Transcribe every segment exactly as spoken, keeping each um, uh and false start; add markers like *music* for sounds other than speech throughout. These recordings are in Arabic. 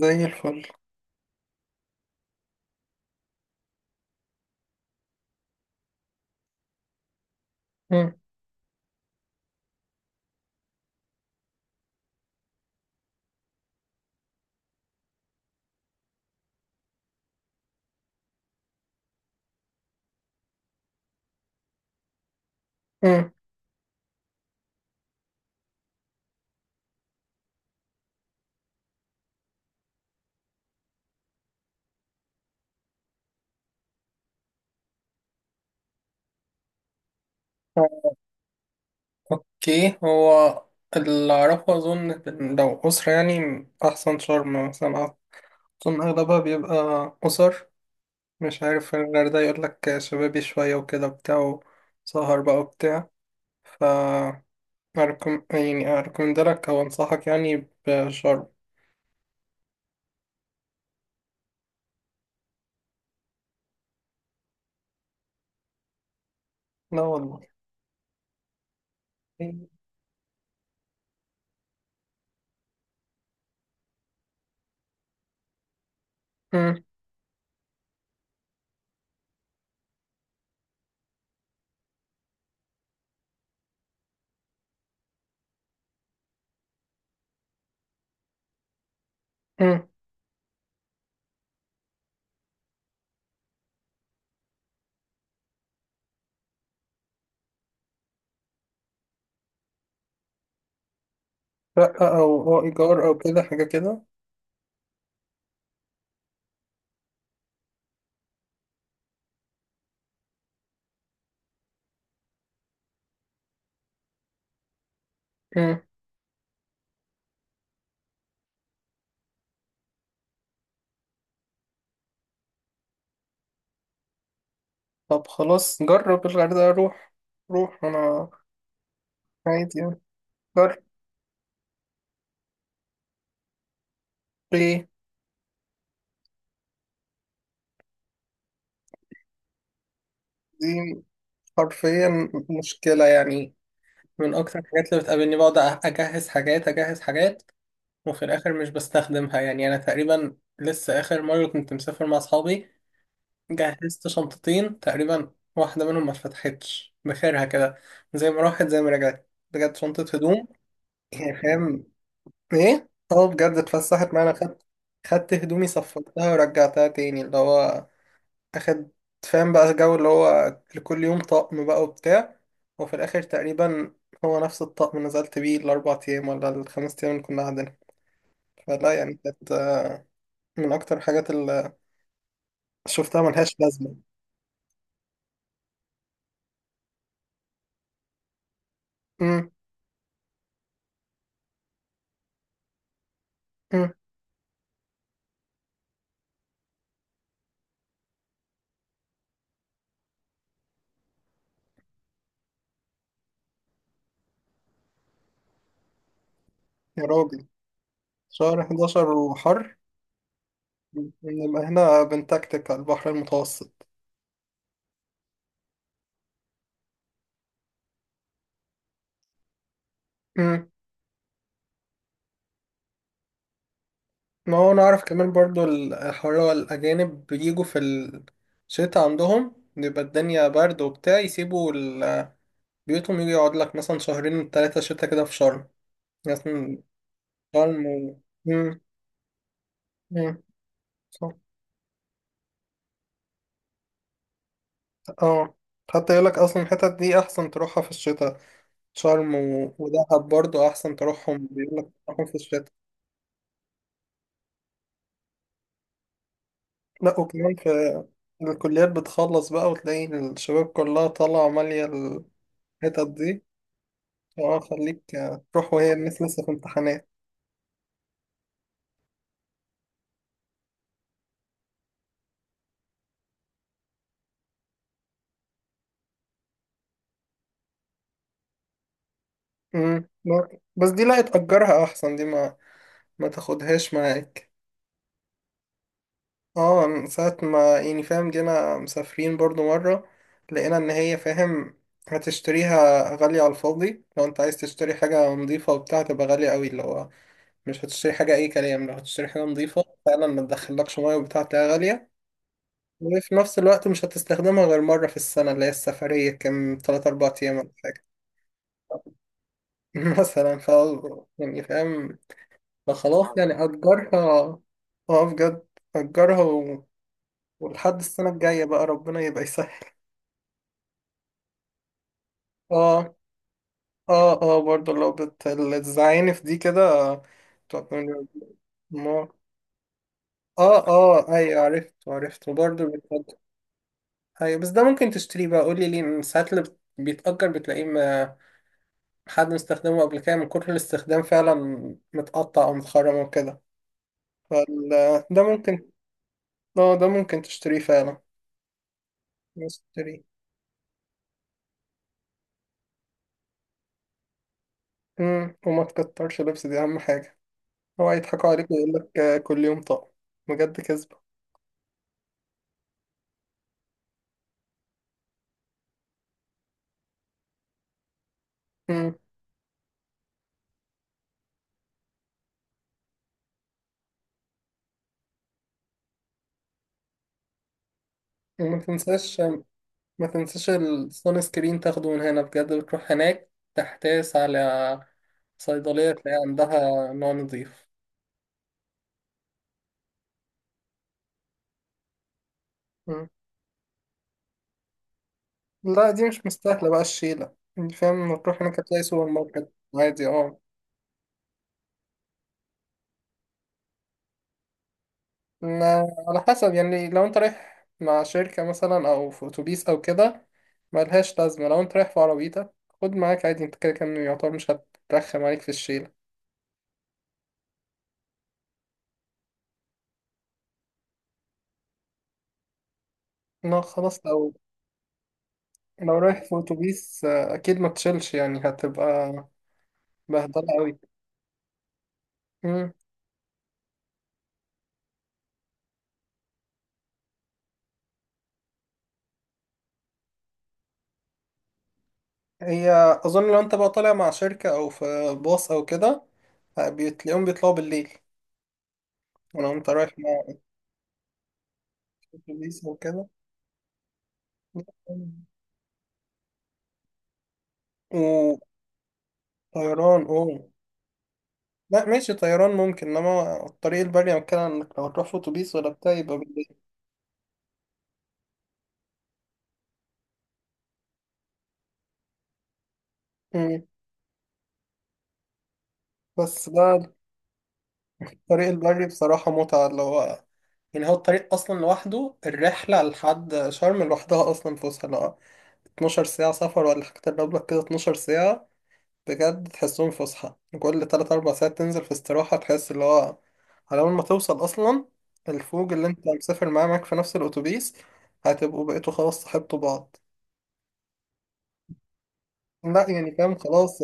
زي الفل. مم. مم. اوكي، هو اللي اعرفه اظن إن لو اسرة يعني احسن شرم مثلا. اظن اغلبها بيبقى اسر. مش عارف، في الغردقة يقول لك شبابي شوية وكده بتاع، سهر بقى وبتاع. ف أركم... يعني أركمندلك أو أنصحك يعني بشرم. لا والله. مم. مم. شقة أو أو إيجار أو كده حاجة كده. مم. طب خلاص، جرب الغردقة، روح روح أنا عادي يعني. جرب. دي دي حرفيا مشكلة يعني. من أكتر الحاجات اللي بتقابلني، بقعد أجهز حاجات أجهز حاجات وفي الآخر مش بستخدمها. يعني أنا تقريبا لسه آخر مرة كنت مسافر مع أصحابي، جهزت شنطتين تقريبا، واحدة منهم ما اتفتحتش بخيرها كده، زي ما راحت زي ما رجعت بجد، شنطة هدوم. يعني فاهم. إيه؟ أه بجد اتفسحت معانا. خدت خدت هدومي، صفرتها ورجعتها تاني، اللي هو اخد. فاهم بقى الجو اللي هو لكل يوم طقم بقى وبتاع، وفي الاخر تقريبا هو نفس الطقم اللي نزلت بيه الاربع ايام ولا الخمس ايام اللي كنا قاعدين. فلا يعني كانت آه، من اكتر الحاجات اللي شفتها ملهاش لازمه. أمم. أمم. يا راجل، شهر حداشر وحر؟ نبقى هنا بنتكتك على البحر المتوسط. أمم. ما هو انا اعرف كمان برضو، الحوار هو الاجانب بيجوا في الشتاء عندهم بيبقى الدنيا برد وبتاع، يسيبوا ال بيوتهم يجي يقعد لك مثلا شهرين تلاتة شتا كده في شرم مثلا. شرم و... مم. مم. صح. اه، حتى يقول لك اصلا الحتت دي احسن تروحها في الشتاء. شرم و... ودهب برضو احسن تروحهم، بيقول لك تروحهم في الشتاء. لا وكمان في الكليات بتخلص بقى وتلاقي الشباب كلها طالعة مالية الحتت دي. اه، خليك آه، تروح وهي الناس لسه في امتحانات. مم. لا، بس دي لا تأجرها احسن، دي ما ما تاخدهاش معاك. اه، من ساعة ما يعني فاهم جينا مسافرين برضو مرة، لقينا ان هي فاهم هتشتريها غالية على الفاضي. لو انت عايز تشتري حاجة نظيفة وبتاع تبقى غالية قوي، اللي هو مش هتشتري حاجة اي كلام. لو هتشتري حاجة نظيفة فعلا ما تدخلكش مية وبتاع تلاقيها غالية. وفي نفس الوقت مش هتستخدمها غير مرة في السنة، اللي هي السفرية كام تلات أربع أيام ولا حاجة. *laughs* مثلا ف يعني فاهم. فخلاص يعني أجرها. اه بجد أجرها و... ولحد السنة الجاية بقى ربنا يبقى يسهل. اه اه اه برضه لو بت- بتزعيني في دي كده تقولي ما. اه اه ايوه عرفت عرفت، وبرضه بيتأجر. ايوه، بس ده ممكن تشتريه بقى، قولي ليه، إن ساعات اللي بت- بيتأجر بتلاقيه ما حد مستخدمه قبل كده، من كتر الاستخدام فعلا متقطع او متخرم وكده. فال ده ممكن. اه ده ممكن تشتريه فعلا. تشتريه. امم، وما تكترش لبس، دي اهم حاجة. هو هيضحكوا عليك ويقول لك كل يوم طقم، بجد كذبة. امم. وما تنساش، ما تنساش الصون سكرين تاخده من هنا، بجد بتروح هناك تحتاس على صيدلية تلاقي عندها نوع نظيف. مم. لا دي مش مستاهلة بقى الشيلة، انت فاهم تروح هناك تلاقي سوبر ماركت عادي. اه، ما- على حسب يعني، لو انت رايح مع شركة مثلا او في اتوبيس او كده ملهاش لازمة. لو انت رايح في عربيتك خد معاك عادي، انت كده كده يعتبر مش هترخم عليك في الشيلة. لا خلاص، لو لو رايح في اتوبيس آه، اكيد ما تشيلش يعني هتبقى بهدلة أوي. مم. هي أظن لو أنت بقى طالع مع شركة أو في باص أو كده بتلاقيهم بيطلعوا بالليل. ولو أنت رايح مع أتوبيس أو كده وطيران. أوه لا، ماشي طيران ممكن، إنما الطريق البري أنا بتكلم، إنك لو هتروح في أتوبيس ولا بتاع يبقى بالليل. مم. بس ده الطريق البري بصراحة متعة، اللي هو يعني، هو الطريق أصلا لوحده، الرحلة لحد شرم لوحدها أصلا فسحة، اللي هو اتناشر ساعة سفر ولا حاجة تقرب لك كده، اتناشر ساعة بجد تحسهم فسحة. كل تلات أربع ساعات تنزل في استراحة، تحس اللي هو على أول ما توصل أصلا، الفوج اللي أنت مسافر معاه معاك في نفس الأتوبيس هتبقوا بقيتوا خلاص صاحبتوا بعض. لا يعني فاهم خلاص،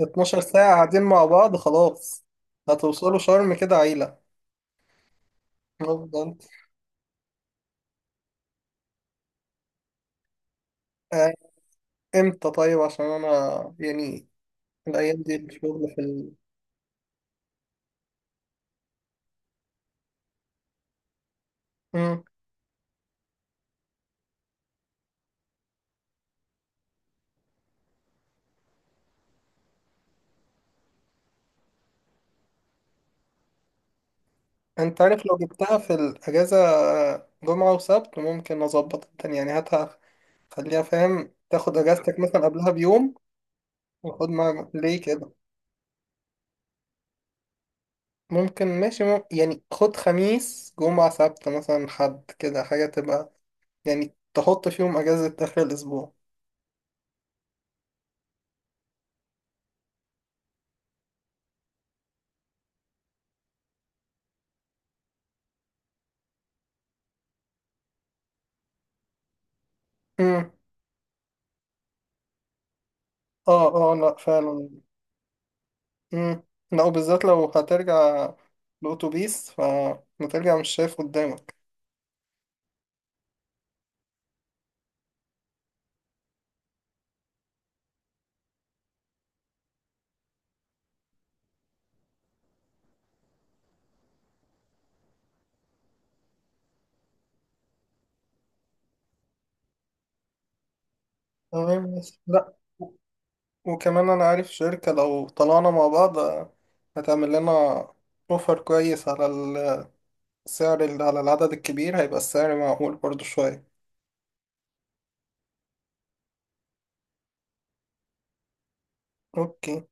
اتناشر ساعة قاعدين مع بعض خلاص. هتوصلوا شرم كده عيلة. بالظبط. آه، إمتى طيب؟ عشان أنا يعني الأيام دي الشغل في ال... مم. أنت عارف لو جبتها في الأجازة جمعة وسبت ممكن أظبط الدنيا، يعني هاتها. خليها فاهم تاخد اجازتك مثلا قبلها بيوم، وخد ما ليه كده ممكن ماشي مم... يعني خد خميس جمعة سبت مثلا حد كده حاجة تبقى، يعني تحط فيهم اجازة اخر الاسبوع. امم. اه اه لا فعلا. امم. لا وبالذات لو هترجع بأتوبيس فهترجع مش شايف قدامك. تمام ماشي. لا وكمان انا عارف شركة لو طلعنا مع بعض آه، هتعمل لنا اوفر كويس على سعر ال- على العدد الكبير هيبقى السعر معقول برضو شوية. اوكي.